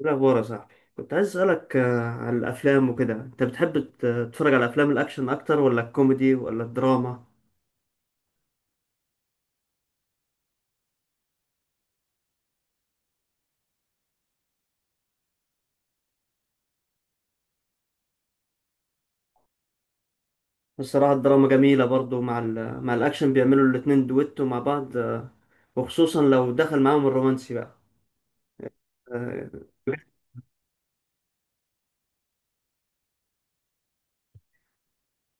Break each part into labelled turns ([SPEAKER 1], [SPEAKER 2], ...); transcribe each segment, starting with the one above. [SPEAKER 1] إيه الأخبار يا صاحبي؟ كنت عايز أسألك عن الأفلام وكده. أنت بتحب تتفرج على أفلام الأكشن أكتر ولا الكوميدي ولا الدراما؟ الصراحة الدراما جميلة برضو مع الأكشن، بيعملوا الاتنين دويتو مع بعض. وخصوصا لو دخل معاهم الرومانسي بقى. آه،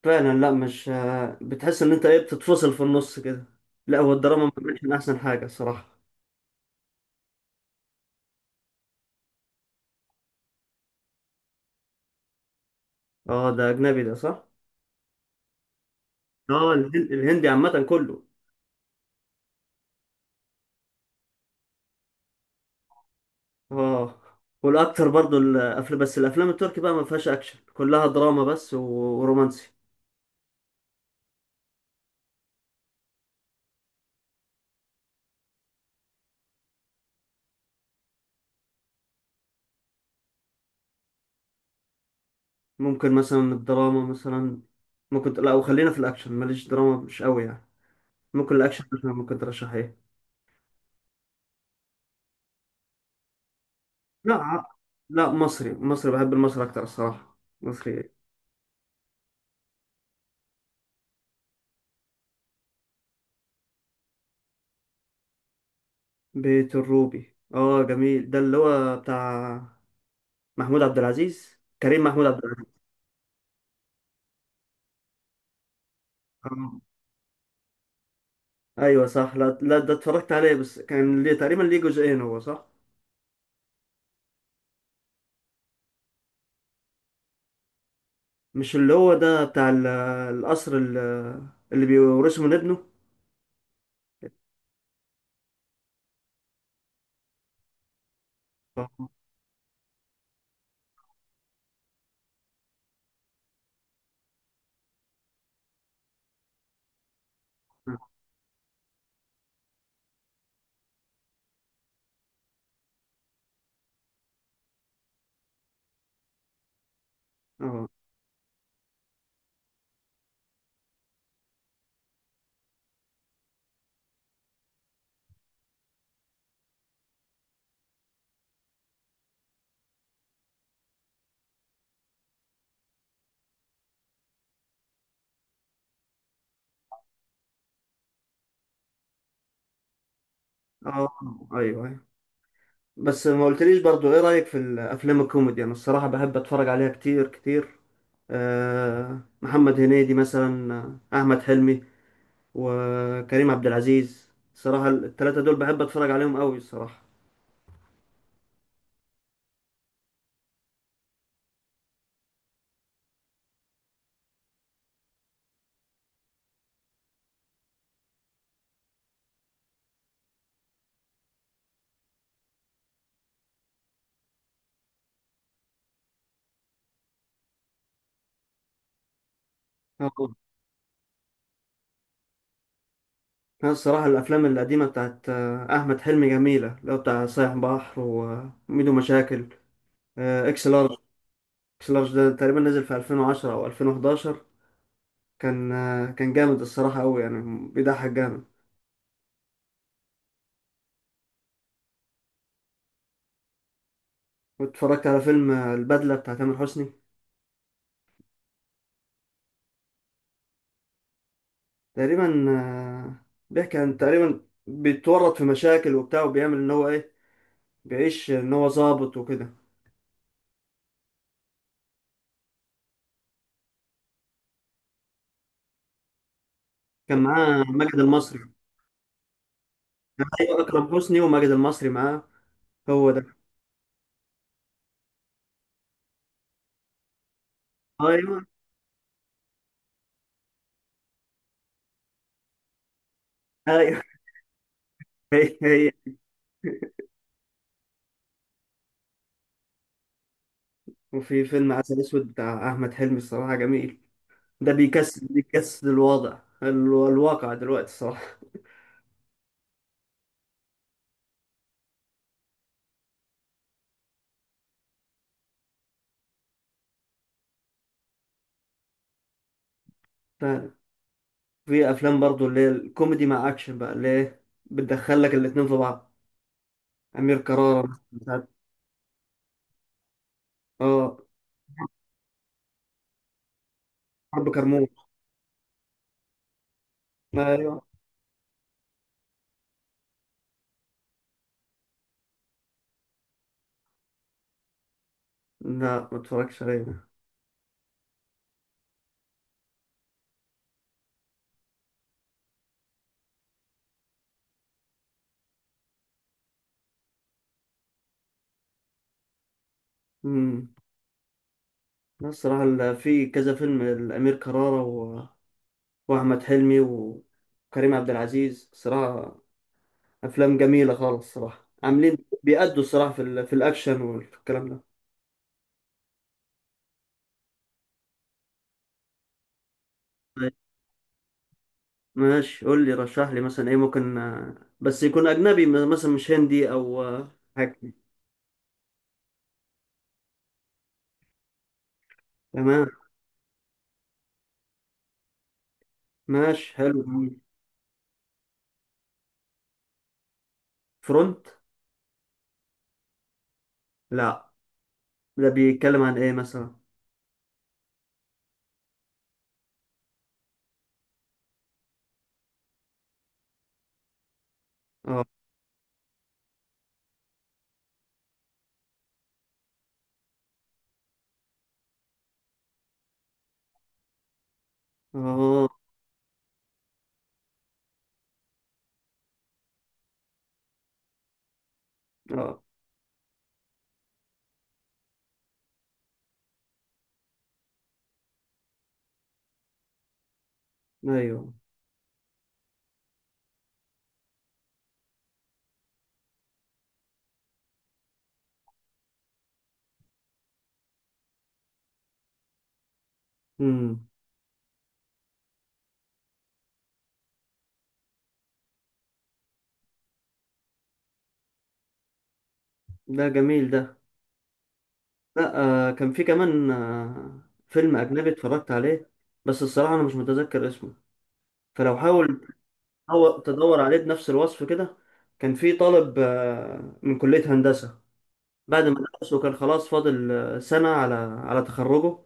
[SPEAKER 1] فعلا، لا مش بتحس إن أنت إيه بتتفصل في النص كده. لا، هو الدراما ما كانتش من أحسن حاجة الصراحة. اه، ده أجنبي ده صح؟ اه، الهندي عامة كله. اه. والاكتر برضو الافلام، بس الافلام التركي بقى ما فيهاش اكشن، كلها دراما بس ورومانسي. ممكن مثلا الدراما مثلا. ممكن، لا وخلينا في الاكشن، ماليش دراما مش قوي يعني. ممكن الاكشن مثلا، ممكن ترشح ايه؟ لا، لا مصري، مصري بحب المصري اكتر الصراحه، مصري. بيت الروبي، اه جميل. ده اللي هو بتاع محمود عبد العزيز، كريم محمود عبد العزيز. آه. ايوه صح. لا، لا، ده اتفرجت عليه، بس كان ليه تقريبا ليه جزئين، هو صح؟ مش اللي هو ده بتاع القصر، اللي بيورثه من ابنه؟ اه، اه، آه، ايوه، ايوه. بس ما قلتليش برضو، ايه رأيك في الافلام الكوميدي؟ انا الصراحة بحب اتفرج عليها كتير كتير. محمد هنيدي مثلا، احمد حلمي وكريم عبد العزيز، الصراحة الثلاثة دول بحب اتفرج عليهم قوي الصراحة. اه، أنا الصراحة الافلام القديمة بتاعت احمد حلمي جميلة، اللي هو بتاع صايع بحر، وميدو مشاكل، اكس لارج. كلاش، ده تقريبا نزل في 2010 او 2011. كان جامد الصراحه قوي يعني، بيضحك جامد. واتفرجت على فيلم البدله بتاع تامر حسني. تقريبا، بيحكي عن تقريبا بيتورط في مشاكل وبتاع، وبيعمل ان هو ايه، بيعيش ان هو ظابط وكده. كان معاه ماجد المصري. كان، ايوه، اكرم حسني وماجد المصري معاه، هو ده. ايوه، ايوه. هي هي. وفي فيلم عسل اسود بتاع احمد حلمي، الصراحه جميل. ده بيكسر الواقع دلوقتي الصراحه. ففي افلام برضو، اللي هي الكوميدي مع اكشن بقى، اللي هي بتدخل لك الاتنين في بعض. امير كرارة مثلا اه، حرب كرموز. ايوه. لا، ما اتفرجتش عليه ده. امم. لا الصراحه، في كذا فيلم الامير كرارة و... واحمد حلمي وكريم عبد العزيز، صراحه افلام جميله خالص، صراحه عاملين، بيأدوا الصراحه، في الاكشن والكلام ده. طيب، ماشي قول لي، رشح لي مثلا ايه ممكن، بس يكون اجنبي، مثلا مش هندي او حاجه. تمام. ماشي حلو جميل. فرونت؟ لا، ده بيتكلم عن ايه مثلا؟ اه، اه، اه، ايوه، امم، ده جميل ده. لا، كان في كمان فيلم اجنبي اتفرجت عليه، بس الصراحه انا مش متذكر اسمه. فلو حاول تدور عليه بنفس الوصف كده. كان في طالب من كليه هندسه، بعد ما درس وكان خلاص فاضل سنه على تخرجه.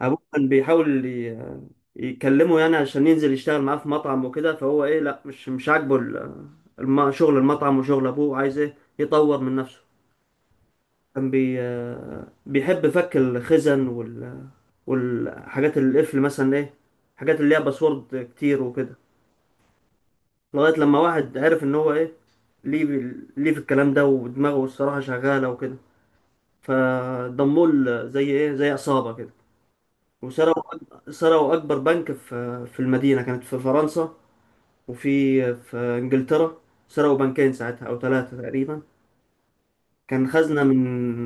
[SPEAKER 1] ابوه كان بيحاول يكلمه يعني عشان ينزل يشتغل معاه في مطعم وكده، فهو ايه لا مش عاجبه شغل المطعم، وشغل ابوه عايز ايه يطور من نفسه. كان بيحب فك الخزن والحاجات القفل مثلا ايه، حاجات اللي ليها باسورد كتير وكده. لغاية لما واحد عرف ان هو ايه، ليه ليه في الكلام ده، ودماغه الصراحة شغالة وكده. فضموه زي ايه زي عصابة كده. وسرقوا سرقوا أكبر بنك في المدينة، كانت في فرنسا. وفي إنجلترا، سرقوا بنكين ساعتها أو ثلاثة تقريبا. كان خزنة من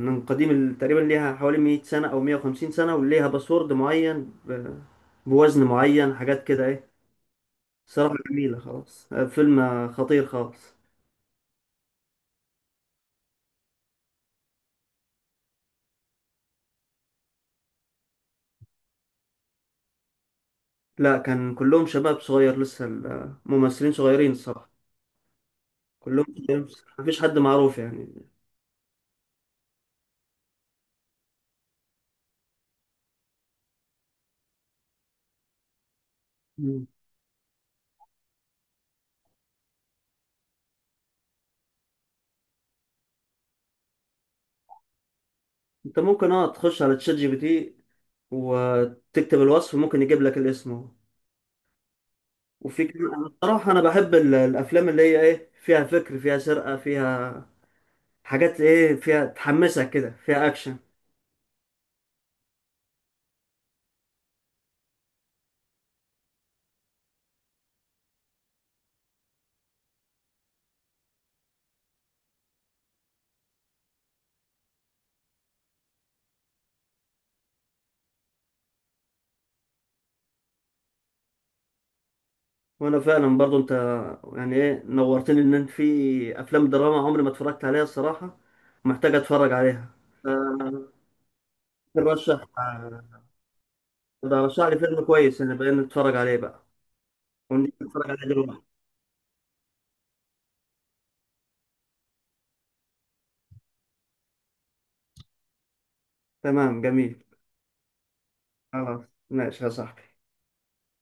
[SPEAKER 1] من قديم، تقريبا ليها حوالي 100 سنة أو 150 سنة، وليها باسورد معين بوزن معين حاجات كده إيه. صراحة جميلة خلاص، فيلم خطير خالص. لا، كان كلهم شباب صغير لسه، الممثلين صغيرين الصراحة، كلهم صغيرين، مفيش حد معروف يعني. انت ممكن اه تخش على تشات GPT، وتكتب الوصف ممكن يجيب لك الاسم اهو. وفي كمان انا الصراحه، انا بحب الافلام اللي هي ايه، فيها فكر، فيها سرقه، فيها حاجات ايه، فيها تحمسك كده، فيها اكشن. وانا فعلا برضو، انت يعني ايه نورتني، ان انت في افلام دراما عمري ما اتفرجت عليها الصراحه، ومحتاج اتفرج عليها. فرشح رشح لي فيلم كويس، انا بقى نتفرج عليه بقى، ونتفرج عليه دلوقتي. تمام جميل، خلاص ماشي يا صاحبي.